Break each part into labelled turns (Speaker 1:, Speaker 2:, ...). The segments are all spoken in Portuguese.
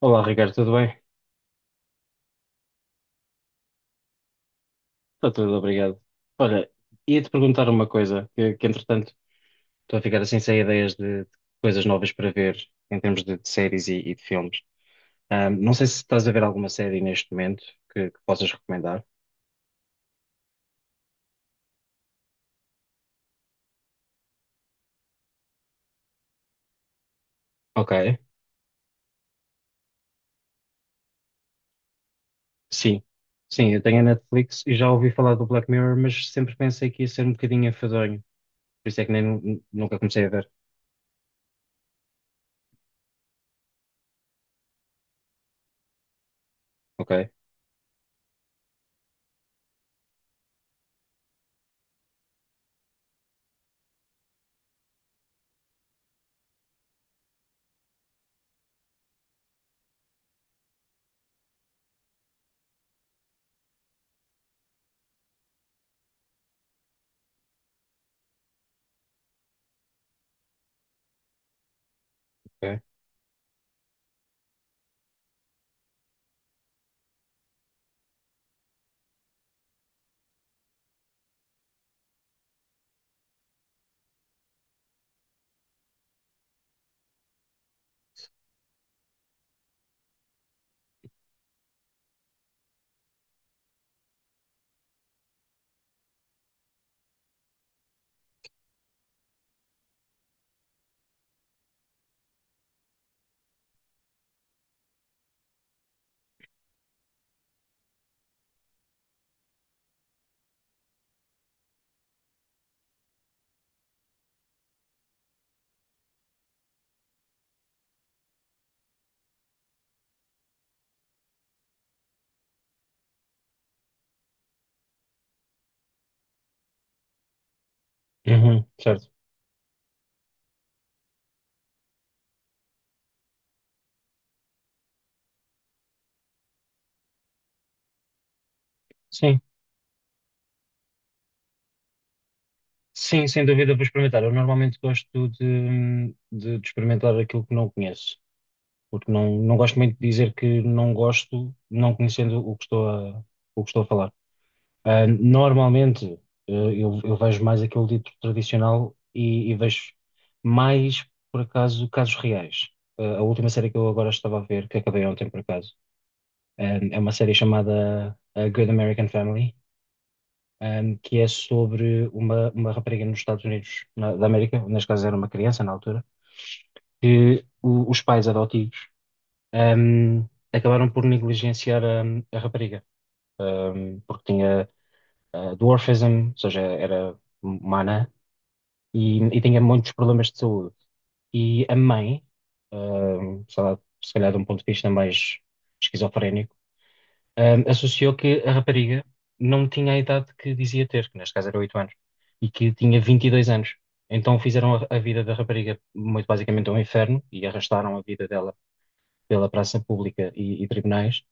Speaker 1: Olá, Ricardo, tudo bem? Está tudo, obrigado. Olha, ia-te perguntar uma coisa, que, entretanto estou a ficar assim sem ideias de coisas novas para ver em termos de séries e de filmes. Não sei se estás a ver alguma série neste momento que possas recomendar. Ok, sim. Sim, eu tenho a Netflix e já ouvi falar do Black Mirror, mas sempre pensei que ia ser um bocadinho enfadonho, por isso é que nem, nunca comecei a ver. Ok, ok. Uhum, certo. Sim, sim, sem dúvida vou experimentar. Eu normalmente gosto de experimentar aquilo que não conheço, porque não gosto muito de dizer que não gosto, não conhecendo o que estou a falar. Normalmente, eh, eu vejo mais aquele dito tradicional e vejo mais, por acaso, casos reais. A última série que eu agora estava a ver, que acabei ontem, por acaso, ah, é uma série chamada A Good American Family que é sobre uma rapariga nos Estados Unidos da América, neste caso era uma criança na altura, que os pais adotivos acabaram por negligenciar a rapariga, porque tinha dwarfism, ou seja, era uma anã, e tinha muitos problemas de saúde. E a mãe, sei lá, se calhar de um ponto de vista mais esquizofrénico, associou que a rapariga não tinha a idade que dizia ter, que neste caso era 8 anos, e que tinha 22 anos. Então fizeram a vida da rapariga muito basicamente um inferno e arrastaram a vida dela pela praça pública e tribunais,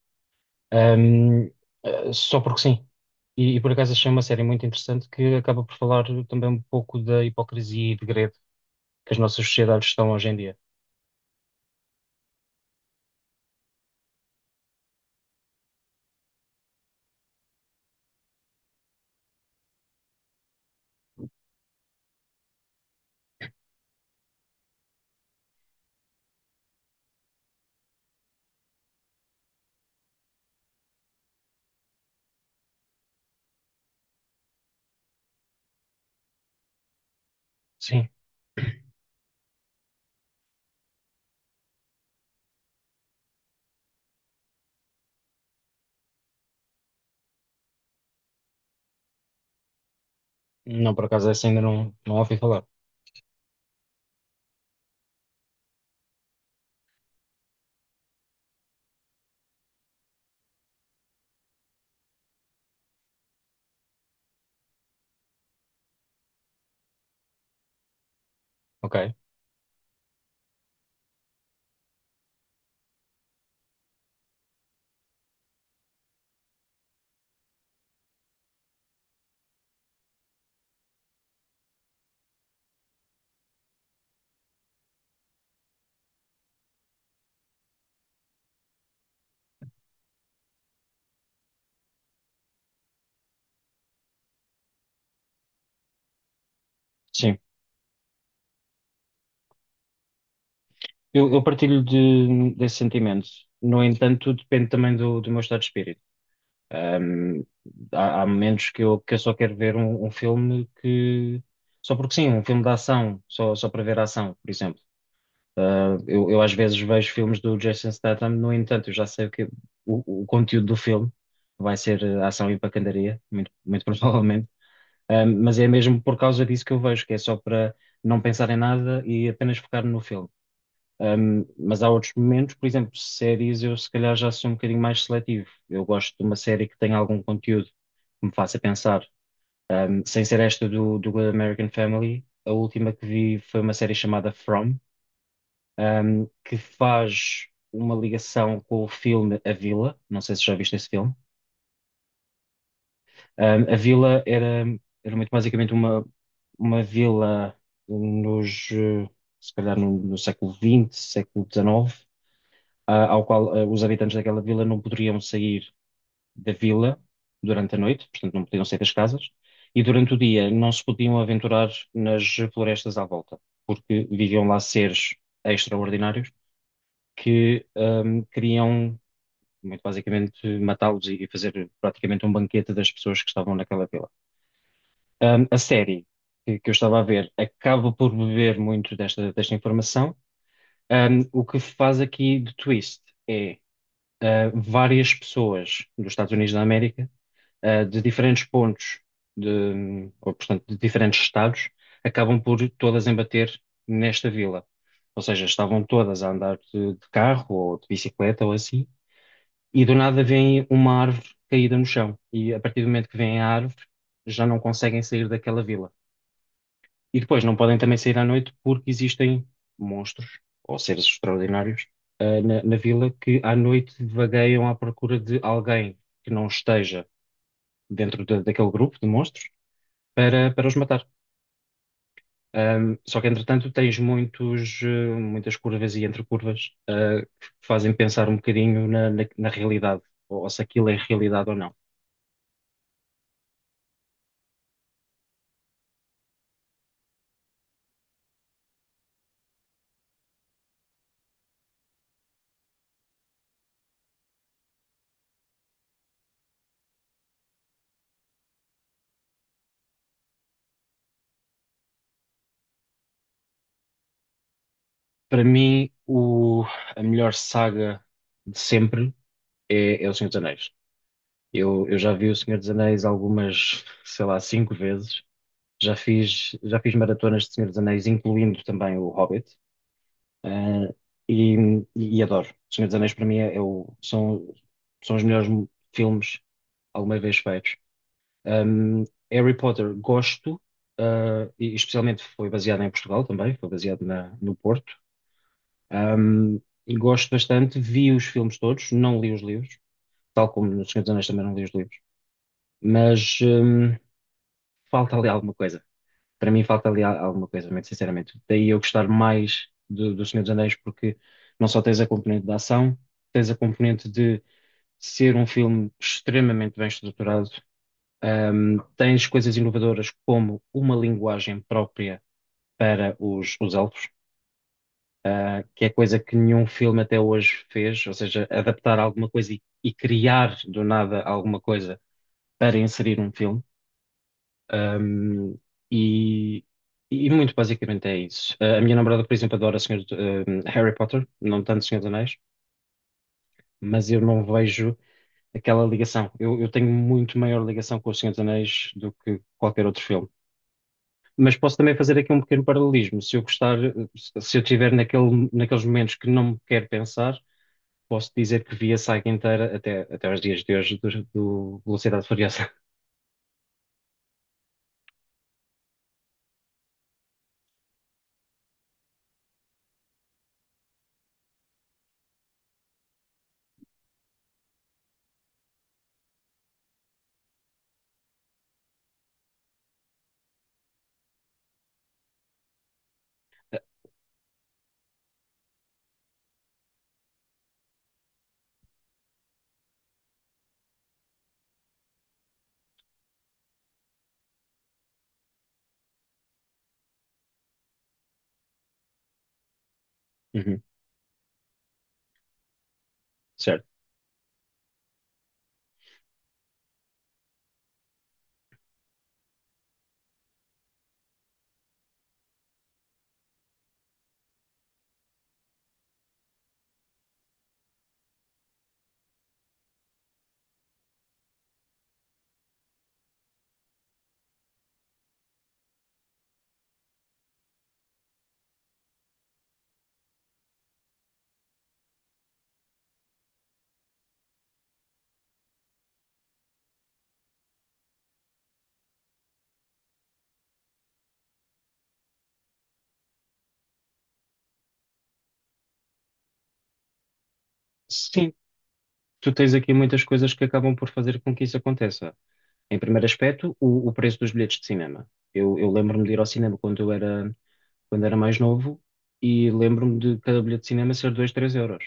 Speaker 1: ahm, só porque sim. E por acaso achei uma série muito interessante que acaba por falar também um pouco da hipocrisia e degredo que as nossas sociedades estão hoje em dia. Sim, não, por acaso essa ainda não ouvi falar. Ok, sim, Eu partilho desse sentimento. No entanto, depende também do meu estado de espírito. Ahm, há momentos que eu só quero ver um, filme que. Só porque sim, um filme de ação, só para ver a ação, por exemplo. Eu às vezes vejo filmes do Jason Statham, no entanto, eu já sei o conteúdo do filme. Vai ser ação e pancadaria, muito, muito provavelmente. Mas é mesmo por causa disso que eu vejo, que é só para não pensar em nada e apenas focar no filme. Mas há outros momentos, por exemplo, séries, eu se calhar já sou um bocadinho mais seletivo. Eu gosto de uma série que tenha algum conteúdo que me faça pensar. Sem ser esta do Good American Family, a última que vi foi uma série chamada From, que faz uma ligação com o filme A Vila. Não sei se já viste esse filme. A Vila era muito basicamente uma vila nos, eh, se calhar no século XX, século XIX. Ao qual os habitantes daquela vila não poderiam sair da vila durante a noite, portanto não podiam sair das casas, e durante o dia não se podiam aventurar nas florestas à volta, porque viviam lá seres extraordinários que queriam, muito basicamente, matá-los e fazer praticamente um banquete das pessoas que estavam naquela vila. A série que eu estava a ver acaba por beber muito desta informação. O que faz aqui de twist é várias pessoas dos Estados Unidos da América, de diferentes pontos, ou, portanto, de diferentes estados, acabam por todas embater nesta vila. Ou seja, estavam todas a andar de carro ou de bicicleta ou assim, e do nada vem uma árvore caída no chão. E a partir do momento que vem a árvore, já não conseguem sair daquela vila. E depois não podem também sair à noite porque existem monstros ou seres extraordinários na vila que à noite vagueiam à procura de alguém que não esteja dentro daquele grupo de monstros para os matar. Só que entretanto tens muitas curvas e entre curvas que fazem pensar um bocadinho na realidade ou se aquilo é realidade ou não. Para mim, a melhor saga de sempre é O Senhor dos Anéis. Eu já vi O Senhor dos Anéis algumas, sei lá, cinco vezes. Já fiz maratonas de Senhor dos Anéis, incluindo também o Hobbit. Ah, e, e adoro. O Senhor dos Anéis, para mim, é são os melhores filmes alguma vez feitos. Ahm, Harry Potter, gosto, e especialmente foi baseado em Portugal também, foi baseado no Porto. Ahm, e gosto bastante, vi os filmes todos, não li os livros, tal como no Senhor dos Anéis também não li os livros. Mas falta ali alguma coisa. Para mim falta ali alguma coisa, muito sinceramente. Daí eu gostar mais do Senhor dos Anéis, porque não só tens a componente da ação, tens a componente de ser um filme extremamente bem estruturado, tens coisas inovadoras como uma linguagem própria para os elfos, que é coisa que nenhum filme até hoje fez, ou seja, adaptar alguma coisa e criar do nada alguma coisa para inserir um filme. Um, e, e muito basicamente é isso. A minha namorada, por exemplo, adora Harry Potter, não tanto Senhor dos Anéis, mas eu não vejo aquela ligação. Eu tenho muito maior ligação com o Senhor dos Anéis do que qualquer outro filme. Mas posso também fazer aqui um pequeno paralelismo. Se eu tiver naqueles momentos que não me quero pensar, posso dizer que vi a saga inteira até aos dias de hoje do Velocidade Furiosa. Uhum, certo. Sim, tu tens aqui muitas coisas que acabam por fazer com que isso aconteça. Em primeiro aspecto, o preço dos bilhetes de cinema. Eu lembro-me de ir ao cinema quando era mais novo e lembro-me de cada bilhete de cinema ser 2, 3 euros,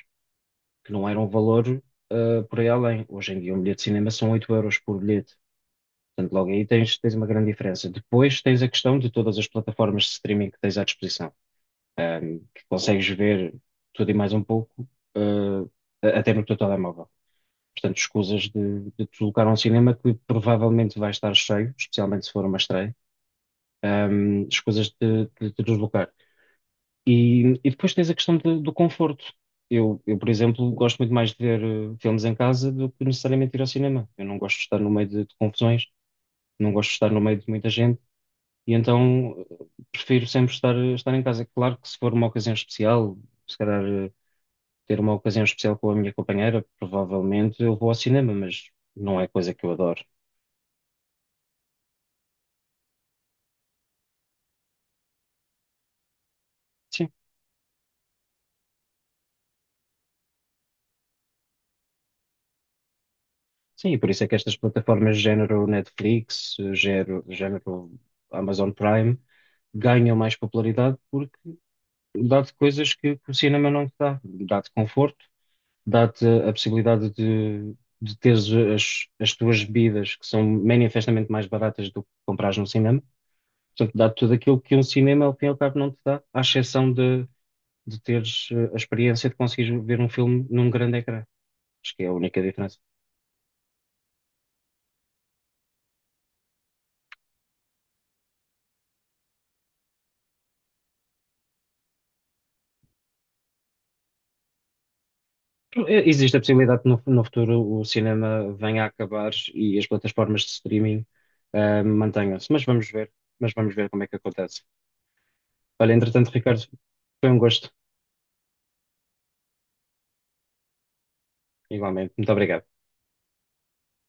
Speaker 1: que não era um valor por aí além. Hoje em dia, um bilhete de cinema são 8 euros por bilhete. Portanto, logo aí tens uma grande diferença. Depois tens a questão de todas as plataformas de streaming que tens à disposição, que consegues ver tudo e mais um pouco, ah, até no teu telemóvel. Portanto, escusas de te deslocar a um cinema que provavelmente vai estar cheio, especialmente se for uma estreia, escusas de te deslocar. E depois tens a questão do conforto. Eu, por exemplo, gosto muito mais de ver filmes em casa do que necessariamente ir ao cinema. Eu não gosto de estar no meio de confusões, não gosto de estar no meio de muita gente, e então prefiro sempre estar em casa. Claro que se for uma ocasião especial, se calhar ter uma ocasião especial com a minha companheira, provavelmente eu vou ao cinema, mas não é coisa que eu adoro. Sim, sim, e por isso é que estas plataformas género Netflix, género Amazon Prime ganham mais popularidade porque dá-te coisas que o cinema não te dá. Dá-te conforto, dá-te a possibilidade de teres as tuas bebidas que são manifestamente mais baratas do que comprares no cinema. Portanto, dá-te tudo aquilo que um cinema, ao fim e ao cabo, não te dá, à exceção de teres a experiência de conseguires ver um filme num grande ecrã. Acho que é a única diferença. É, existe a possibilidade que no futuro o cinema venha a acabar e as plataformas de streaming mantenham-se, mas vamos ver, como é que acontece. Olha, entretanto, Ricardo, foi um gosto, igualmente. Muito obrigado.